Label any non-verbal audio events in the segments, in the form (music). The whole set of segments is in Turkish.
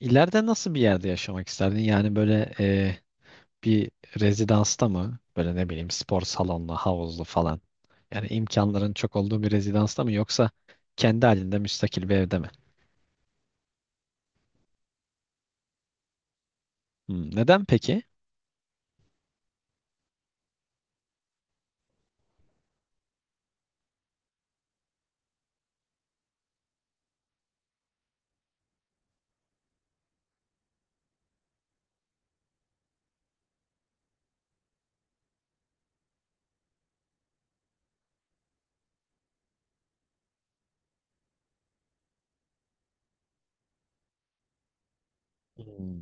İleride nasıl bir yerde yaşamak isterdin? Yani böyle bir rezidansta mı? Böyle ne bileyim spor salonlu, havuzlu falan. Yani imkanların çok olduğu bir rezidansta mı yoksa kendi halinde müstakil bir evde mi? Hmm, neden peki? Hmm.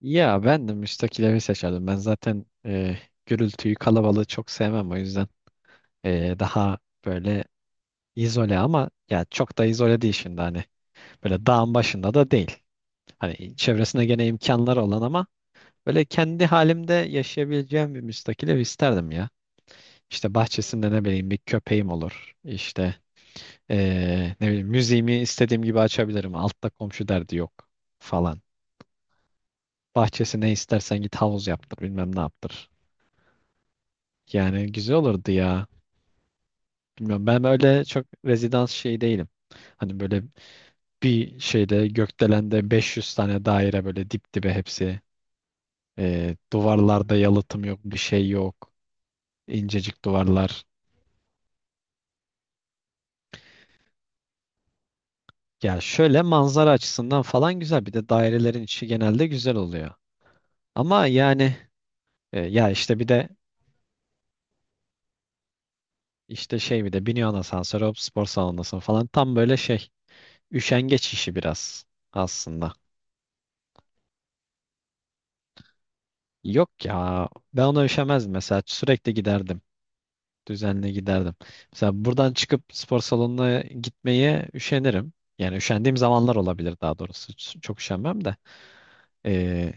Ya ben de müstakil evi seçerdim. Ben zaten gürültüyü, kalabalığı çok sevmem, o yüzden daha böyle izole, ama ya çok da izole değil şimdi hani. Böyle dağın başında da değil. Hani çevresine gene imkanları olan ama böyle kendi halimde yaşayabileceğim bir müstakil ev isterdim ya. İşte bahçesinde ne bileyim bir köpeğim olur. İşte ne bileyim müziğimi istediğim gibi açabilirim. Altta komşu derdi yok falan. Bahçesi ne istersen git havuz yaptır bilmem ne yaptır. Yani güzel olurdu ya. Bilmiyorum, ben böyle çok rezidans şey değilim. Hani böyle bir şeyde, gökdelende 500 tane daire, böyle dip dibe hepsi. Duvarlarda yalıtım yok, bir şey yok. İncecik duvarlar. Ya şöyle manzara açısından falan güzel. Bir de dairelerin içi genelde güzel oluyor. Ama yani ya işte bir de işte şey, bir de biniyorsun asansöre hop spor salonundasın falan. Tam böyle şey, üşengeç işi biraz aslında. Yok ya, ben ona üşemezdim mesela, sürekli giderdim. Düzenli giderdim. Mesela buradan çıkıp spor salonuna gitmeye üşenirim. Yani üşendiğim zamanlar olabilir daha doğrusu. Çok üşenmem de. E,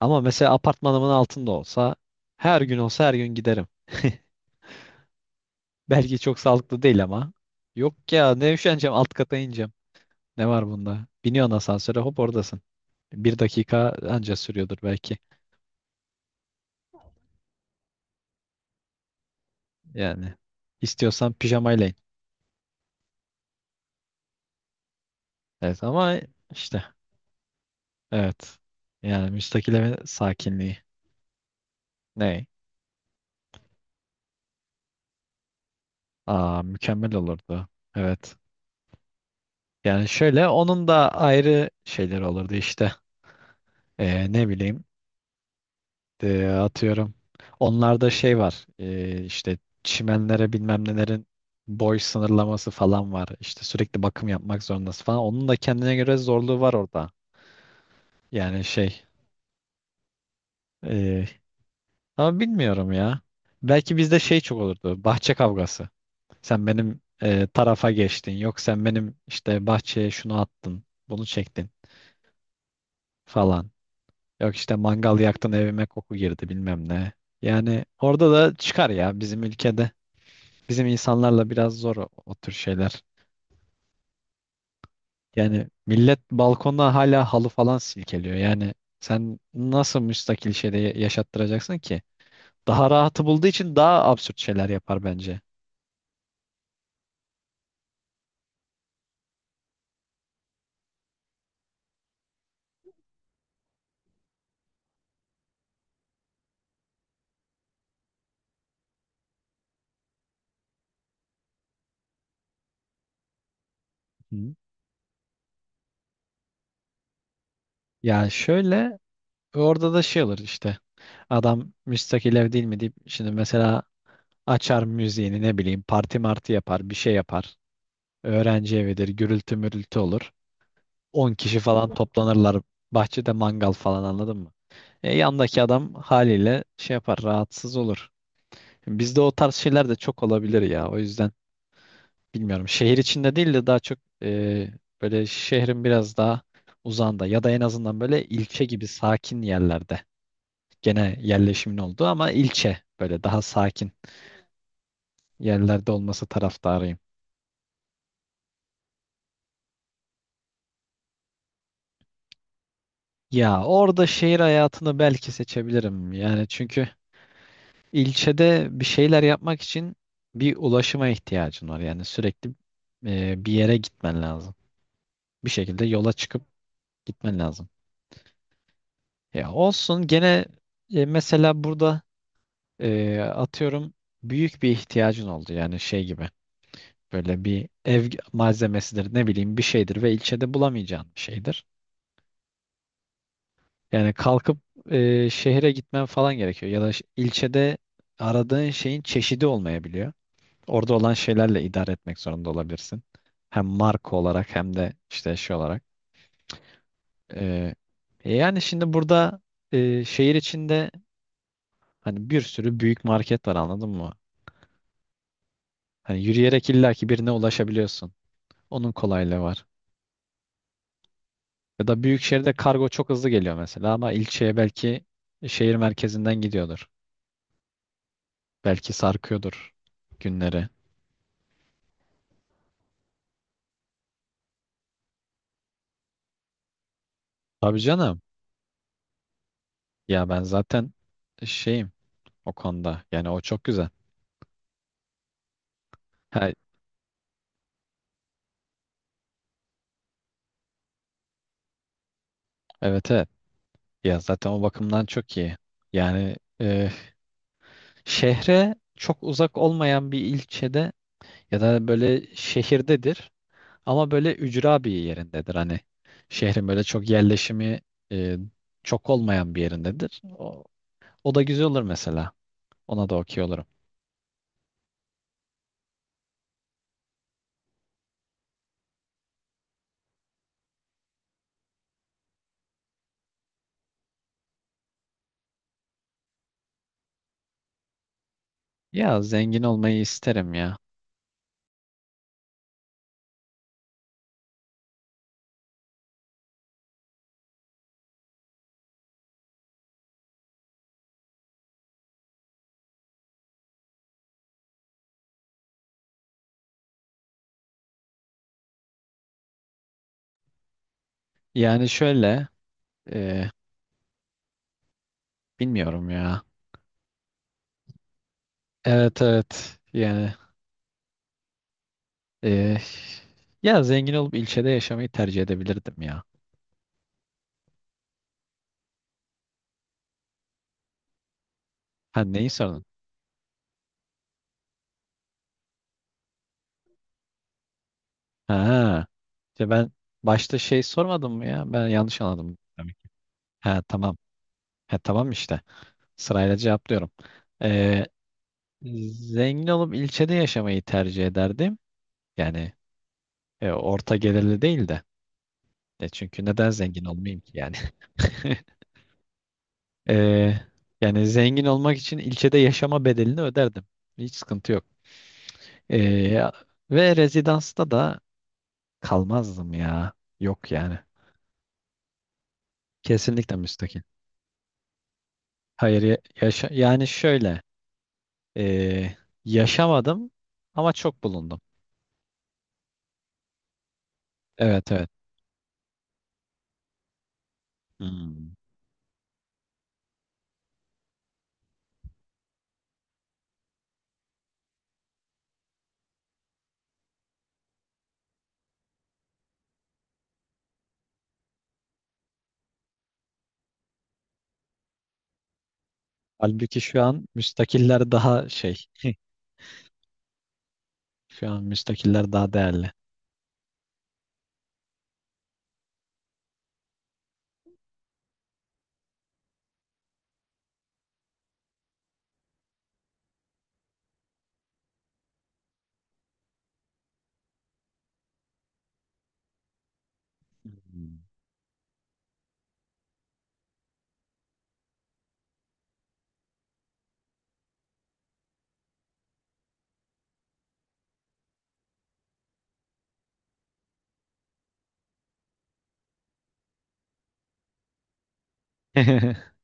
Ama mesela apartmanımın altında olsa her gün, olsa her gün giderim. (laughs) Belki çok sağlıklı değil ama. Yok ya, ne üşeneceğim alt kata ineceğim. Ne var bunda? Biniyorsun asansöre, hop oradasın. Bir dakika anca sürüyordur belki. Yani istiyorsan pijamayla in. Evet, ama işte evet. Yani müstakil evin sakinliği. Ne? Aa, mükemmel olurdu. Evet. Yani şöyle, onun da ayrı şeyleri olurdu işte. Ne bileyim. Atıyorum. Onlarda şey var. İşte çimenlere, bilmem nelerin boy sınırlaması falan var. İşte sürekli bakım yapmak zorundasın falan. Onun da kendine göre zorluğu var orada. Yani şey, e, ama bilmiyorum ya. Belki bizde şey çok olurdu. Bahçe kavgası. Sen benim tarafa geçtin. Yok, sen benim işte bahçeye şunu attın. Bunu çektin falan. Yok işte mangal yaktın, evime koku girdi bilmem ne. Yani orada da çıkar ya bizim ülkede. Bizim insanlarla biraz zor o tür şeyler. Yani millet balkonda hala halı falan silkeliyor. Yani sen nasıl müstakil şeyde yaşattıracaksın ki? Daha rahatı bulduğu için daha absürt şeyler yapar bence. Hı. Yani şöyle, orada da şey olur işte. Adam müstakil ev değil mi deyip şimdi mesela açar müziğini, ne bileyim parti marti yapar, bir şey yapar. Öğrenci evidir, gürültü mürültü olur. 10 kişi falan toplanırlar. Bahçede mangal falan, anladın mı? Yandaki adam haliyle şey yapar, rahatsız olur. Bizde o tarz şeyler de çok olabilir ya. O yüzden bilmiyorum. Şehir içinde değil de daha çok e, böyle şehrin biraz daha uzağında ya da en azından böyle ilçe gibi sakin yerlerde. Gene yerleşimin olduğu ama ilçe böyle daha sakin yerlerde olması taraftarıyım. Ya orada şehir hayatını belki seçebilirim. Yani çünkü İlçede bir şeyler yapmak için bir ulaşıma ihtiyacın var. Yani sürekli bir yere gitmen lazım. Bir şekilde yola çıkıp gitmen lazım. Ya olsun, gene mesela burada atıyorum büyük bir ihtiyacın oldu. Yani şey gibi, böyle bir ev malzemesidir, ne bileyim bir şeydir ve ilçede bulamayacağın bir şeydir. Yani kalkıp şehre gitmen falan gerekiyor. Ya da ilçede aradığın şeyin çeşidi olmayabiliyor. Orada olan şeylerle idare etmek zorunda olabilirsin. Hem marka olarak hem de işte şey olarak. Ee, yani şimdi burada şehir içinde hani bir sürü büyük market var, anladın mı? Hani yürüyerek illaki birine ulaşabiliyorsun. Onun kolaylığı var. Ya da büyük şehirde kargo çok hızlı geliyor mesela, ama ilçeye belki şehir merkezinden gidiyordur. Belki sarkıyordur günleri. Tabii canım. Ya ben zaten şeyim o konuda. Yani o çok güzel. Ha, evet, evet. Ya zaten o bakımdan çok iyi. Yani e, şehre çok uzak olmayan bir ilçede ya da böyle şehirdedir ama böyle ücra bir yerindedir. Hani şehrin böyle çok yerleşimi e, çok olmayan bir yerindedir. O da güzel olur mesela. Ona da okey olurum. Ya zengin olmayı isterim ya. Yani şöyle e, bilmiyorum ya. Evet evet, yani e, ya zengin olup ilçede yaşamayı tercih edebilirdim ya. Ha, neyi sordun? Ha. İşte ben başta şey sormadım mı ya? Ben yanlış anladım demek ki. Ha tamam. Ha tamam işte. Sırayla cevaplıyorum. Ee, Zengin olup ilçede yaşamayı tercih ederdim. Yani orta gelirli değil de. Çünkü neden zengin olmayayım ki yani? (laughs) Ee, Yani zengin olmak için ilçede yaşama bedelini öderdim. Hiç sıkıntı yok. Ee, Ve rezidansta da kalmazdım ya. Yok yani. Kesinlikle müstakil. Hayır, yaşa yani şöyle. Ee, Yaşamadım ama çok bulundum. Evet, evet. Hmm. Halbuki şu an müstakiller daha şey. (laughs) Şu an müstakiller daha değerli. Hmm. (laughs)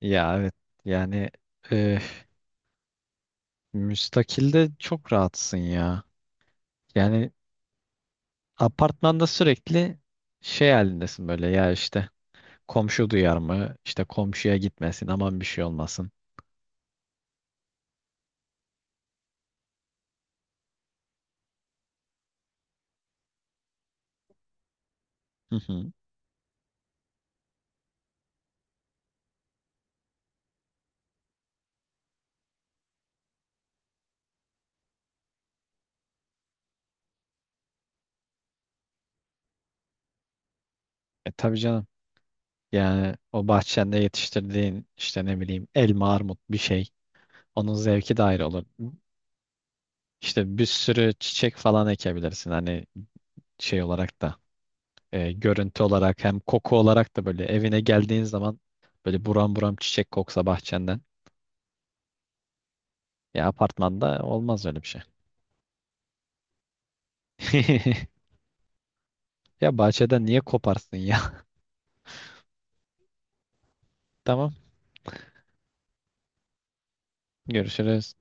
Ya evet. Yani e, müstakilde çok rahatsın ya. Yani apartmanda sürekli şey halindesin, böyle ya işte komşu duyar mı? İşte komşuya gitmesin, aman bir şey olmasın. Hı hı. E tabii canım. Yani o bahçende yetiştirdiğin işte, ne bileyim, elma, armut bir şey. Onun zevki de ayrı olur. İşte bir sürü çiçek falan ekebilirsin. Hani şey olarak da görüntü olarak hem koku olarak da böyle evine geldiğin zaman böyle buram buram çiçek koksa bahçenden. Ya apartmanda olmaz öyle bir şey. (laughs) Ya bahçeden niye koparsın ya? (laughs) Tamam. Görüşürüz.